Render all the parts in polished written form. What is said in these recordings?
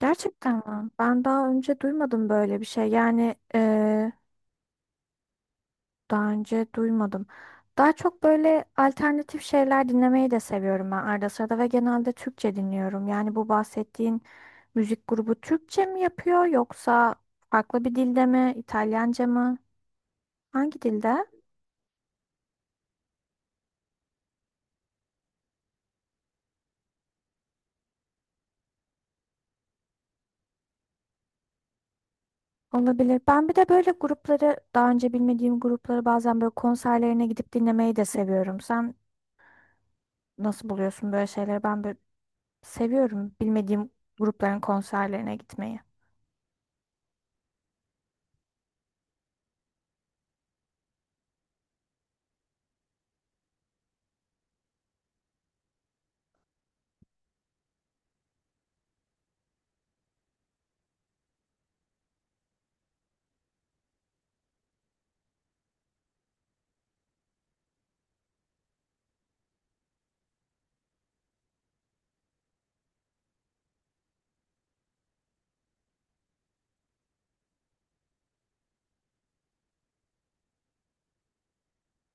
Gerçekten mi? Ben daha önce duymadım böyle bir şey. Yani daha önce duymadım. Daha çok böyle alternatif şeyler dinlemeyi de seviyorum ben arada sırada ve genelde Türkçe dinliyorum. Yani bu bahsettiğin müzik grubu Türkçe mi yapıyor yoksa farklı bir dilde mi? İtalyanca mı? Hangi dilde? Olabilir. Ben bir de böyle grupları daha önce bilmediğim grupları bazen böyle konserlerine gidip dinlemeyi de seviyorum. Sen nasıl buluyorsun böyle şeyleri? Ben böyle Seviyorum bilmediğim grupların konserlerine gitmeyi.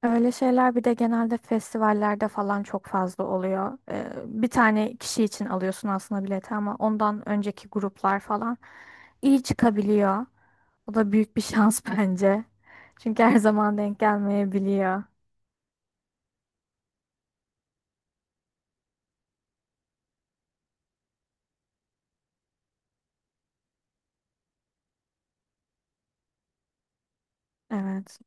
Öyle şeyler bir de genelde festivallerde falan çok fazla oluyor. Bir tane kişi için alıyorsun aslında bileti ama ondan önceki gruplar falan iyi çıkabiliyor. O da büyük bir şans bence. Çünkü her zaman denk gelmeyebiliyor. Evet.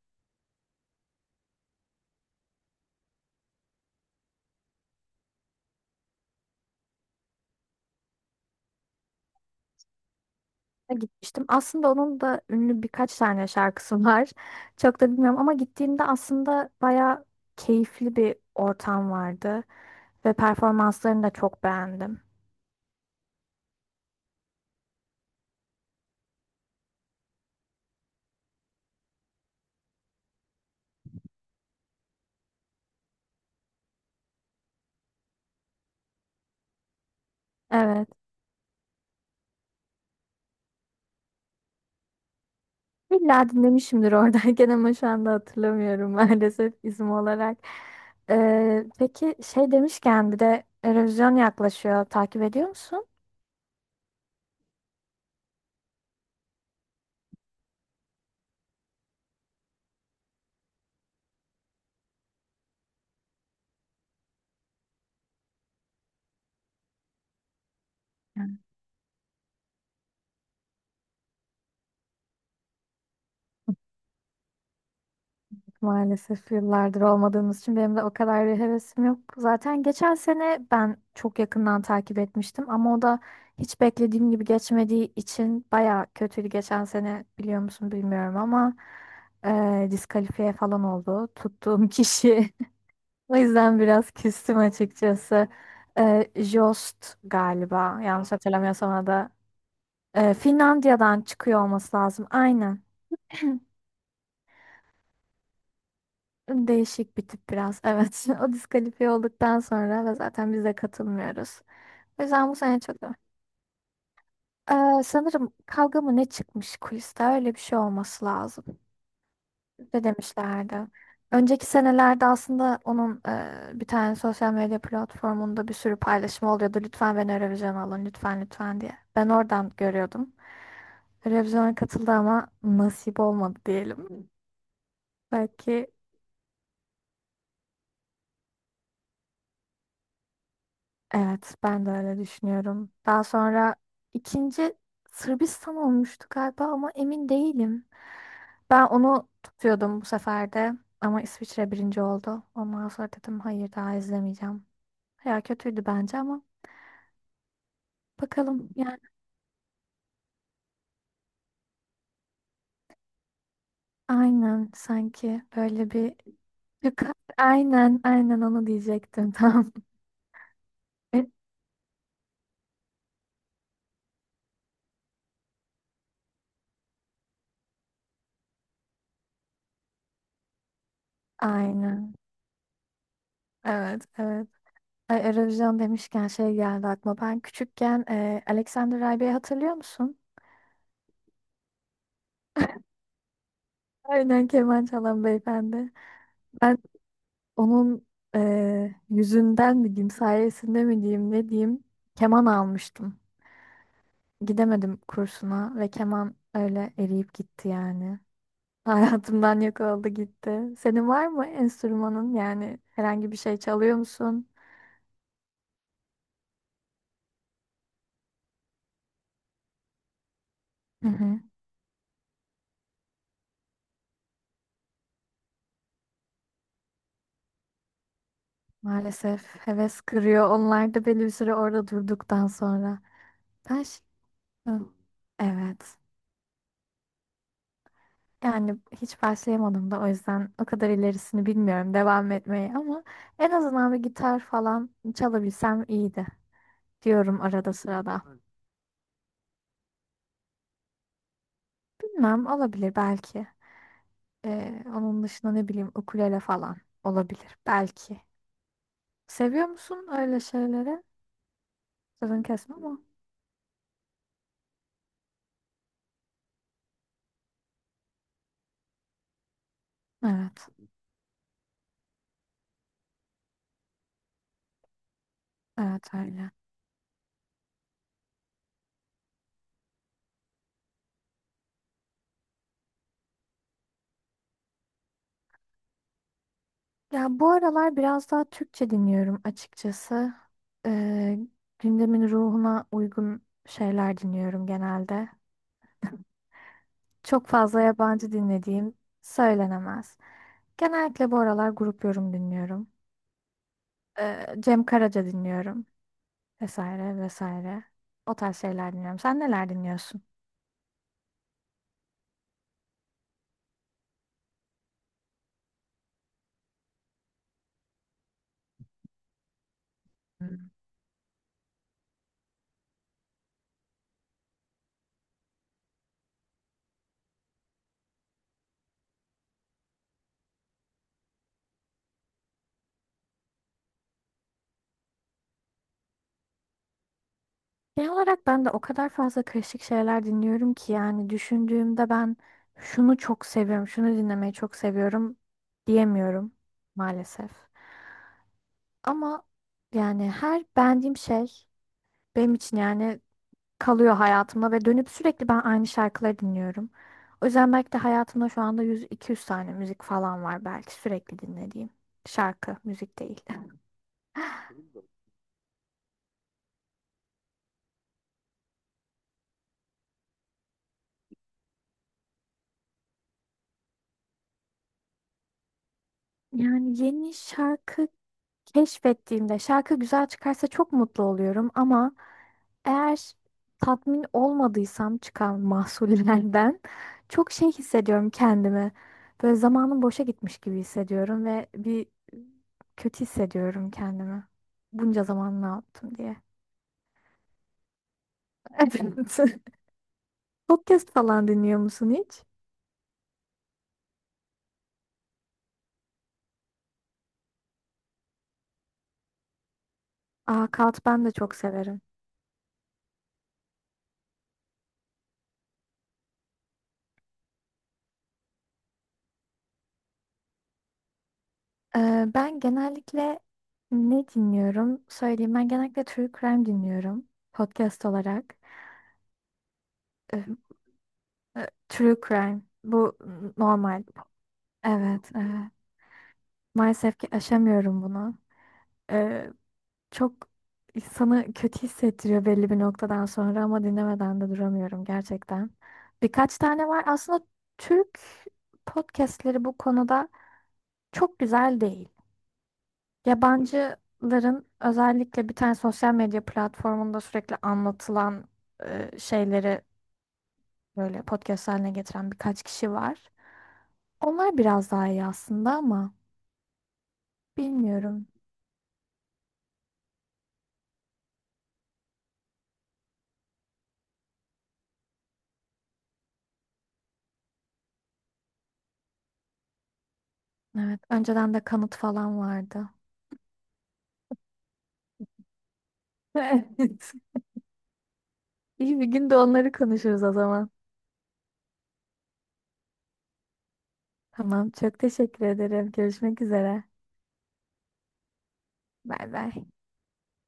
Gitmiştim. Aslında onun da ünlü birkaç tane şarkısı var. Çok da bilmiyorum ama gittiğimde aslında bayağı keyifli bir ortam vardı ve performanslarını da çok beğendim. Evet. İlla dinlemişimdir oradayken ama şu anda hatırlamıyorum maalesef isim olarak. Peki şey demişken bir de Eurovision yaklaşıyor. Takip ediyor musun? Maalesef yıllardır olmadığımız için benim de o kadar bir hevesim yok. Zaten geçen sene ben çok yakından takip etmiştim ama o da hiç beklediğim gibi geçmediği için baya kötüydü geçen sene, biliyor musun bilmiyorum ama diskalifiye falan oldu tuttuğum kişi. O yüzden biraz küstüm açıkçası. Jost galiba, yanlış hatırlamıyorsam o da. Finlandiya'dan çıkıyor olması lazım aynen. Değişik bir tip biraz. Evet. O diskalifiye olduktan sonra ve zaten biz de katılmıyoruz. O yüzden bu sene çok... Sanırım kavga mı ne çıkmış kuliste, öyle bir şey olması lazım. Ne demişlerdi. Önceki senelerde aslında onun bir tane sosyal medya platformunda bir sürü paylaşım oluyordu. Lütfen beni Eurovision alın, lütfen lütfen diye. Ben oradan görüyordum. Eurovision'a katıldı ama nasip olmadı diyelim. Belki Evet, ben de öyle düşünüyorum. Daha sonra ikinci Sırbistan olmuştu galiba ama emin değilim. Ben onu tutuyordum bu sefer de ama İsviçre birinci oldu. Ondan sonra dedim hayır, daha izlemeyeceğim. Ya kötüydü bence ama bakalım yani. Aynen, sanki böyle bir yukarı, aynen aynen onu diyecektim tam. E, Aynen. Evet, evet. Ay, Eurovision demişken şey geldi aklıma. Ben küçükken Alexander Rybak'ı hatırlıyor musun? Aynen, keman çalan beyefendi. Ben onun yüzünden mi diyeyim, sayesinde mi diyeyim, ne diyeyim, keman almıştım. Gidemedim kursuna ve keman öyle eriyip gitti yani. Hayatımdan yok oldu gitti. Senin var mı enstrümanın, yani herhangi bir şey çalıyor musun? Hı hı. Maalesef heves kırıyor. Onlar da belli bir süre orada durduktan sonra. Ben şi- Hı. Evet. Yani hiç başlayamadım da o yüzden o kadar ilerisini bilmiyorum devam etmeyi ama en azından bir gitar falan çalabilsem iyiydi diyorum arada sırada. Bilmem, olabilir belki. Onun dışında ne bileyim, ukulele falan olabilir belki. Seviyor musun öyle şeyleri? Sözün kesme ama. Evet, evet öyle. Ya bu aralar biraz daha Türkçe dinliyorum açıkçası. Ee, Gündemin ruhuna uygun şeyler dinliyorum genelde. Çok fazla yabancı dinlediğim söylenemez. Genellikle bu aralar grup yorum dinliyorum. Cem Karaca dinliyorum, vesaire vesaire. O tarz şeyler dinliyorum. Sen neler dinliyorsun? Genel olarak ben de o kadar fazla karışık şeyler dinliyorum ki yani düşündüğümde ben şunu çok seviyorum, şunu dinlemeyi çok seviyorum diyemiyorum maalesef. Ama yani her beğendiğim şey benim için yani kalıyor hayatımda ve dönüp sürekli ben aynı şarkıları dinliyorum. O yüzden belki de hayatımda şu anda 100-200 tane müzik falan var belki sürekli dinlediğim. Şarkı, müzik değil. Yani yeni şarkı keşfettiğimde şarkı güzel çıkarsa çok mutlu oluyorum ama eğer tatmin olmadıysam çıkan mahsullerden çok şey hissediyorum kendimi. Böyle zamanım boşa gitmiş gibi hissediyorum ve bir kötü hissediyorum kendimi. Bunca zaman ne yaptım diye. Evet. Podcast falan dinliyor musun hiç? Aa, Kalt ben de çok severim. Ben genellikle ne dinliyorum? Söyleyeyim. Ben genellikle True Crime dinliyorum. Podcast olarak. Ee, True Crime. Bu normal. Evet, evet. Maalesef ki aşamıyorum bunu. Ee, Çok insanı kötü hissettiriyor belli bir noktadan sonra ama dinlemeden de duramıyorum gerçekten. Birkaç tane var. Aslında Türk podcastleri bu konuda çok güzel değil. Yabancıların özellikle bir tane sosyal medya platformunda sürekli anlatılan şeyleri böyle podcast haline getiren birkaç kişi var. Onlar biraz daha iyi aslında ama bilmiyorum. Evet, önceden de kanıt falan vardı. Evet. İyi bir gün de onları konuşuruz o zaman. Tamam, çok teşekkür ederim. Görüşmek üzere. Bay bay.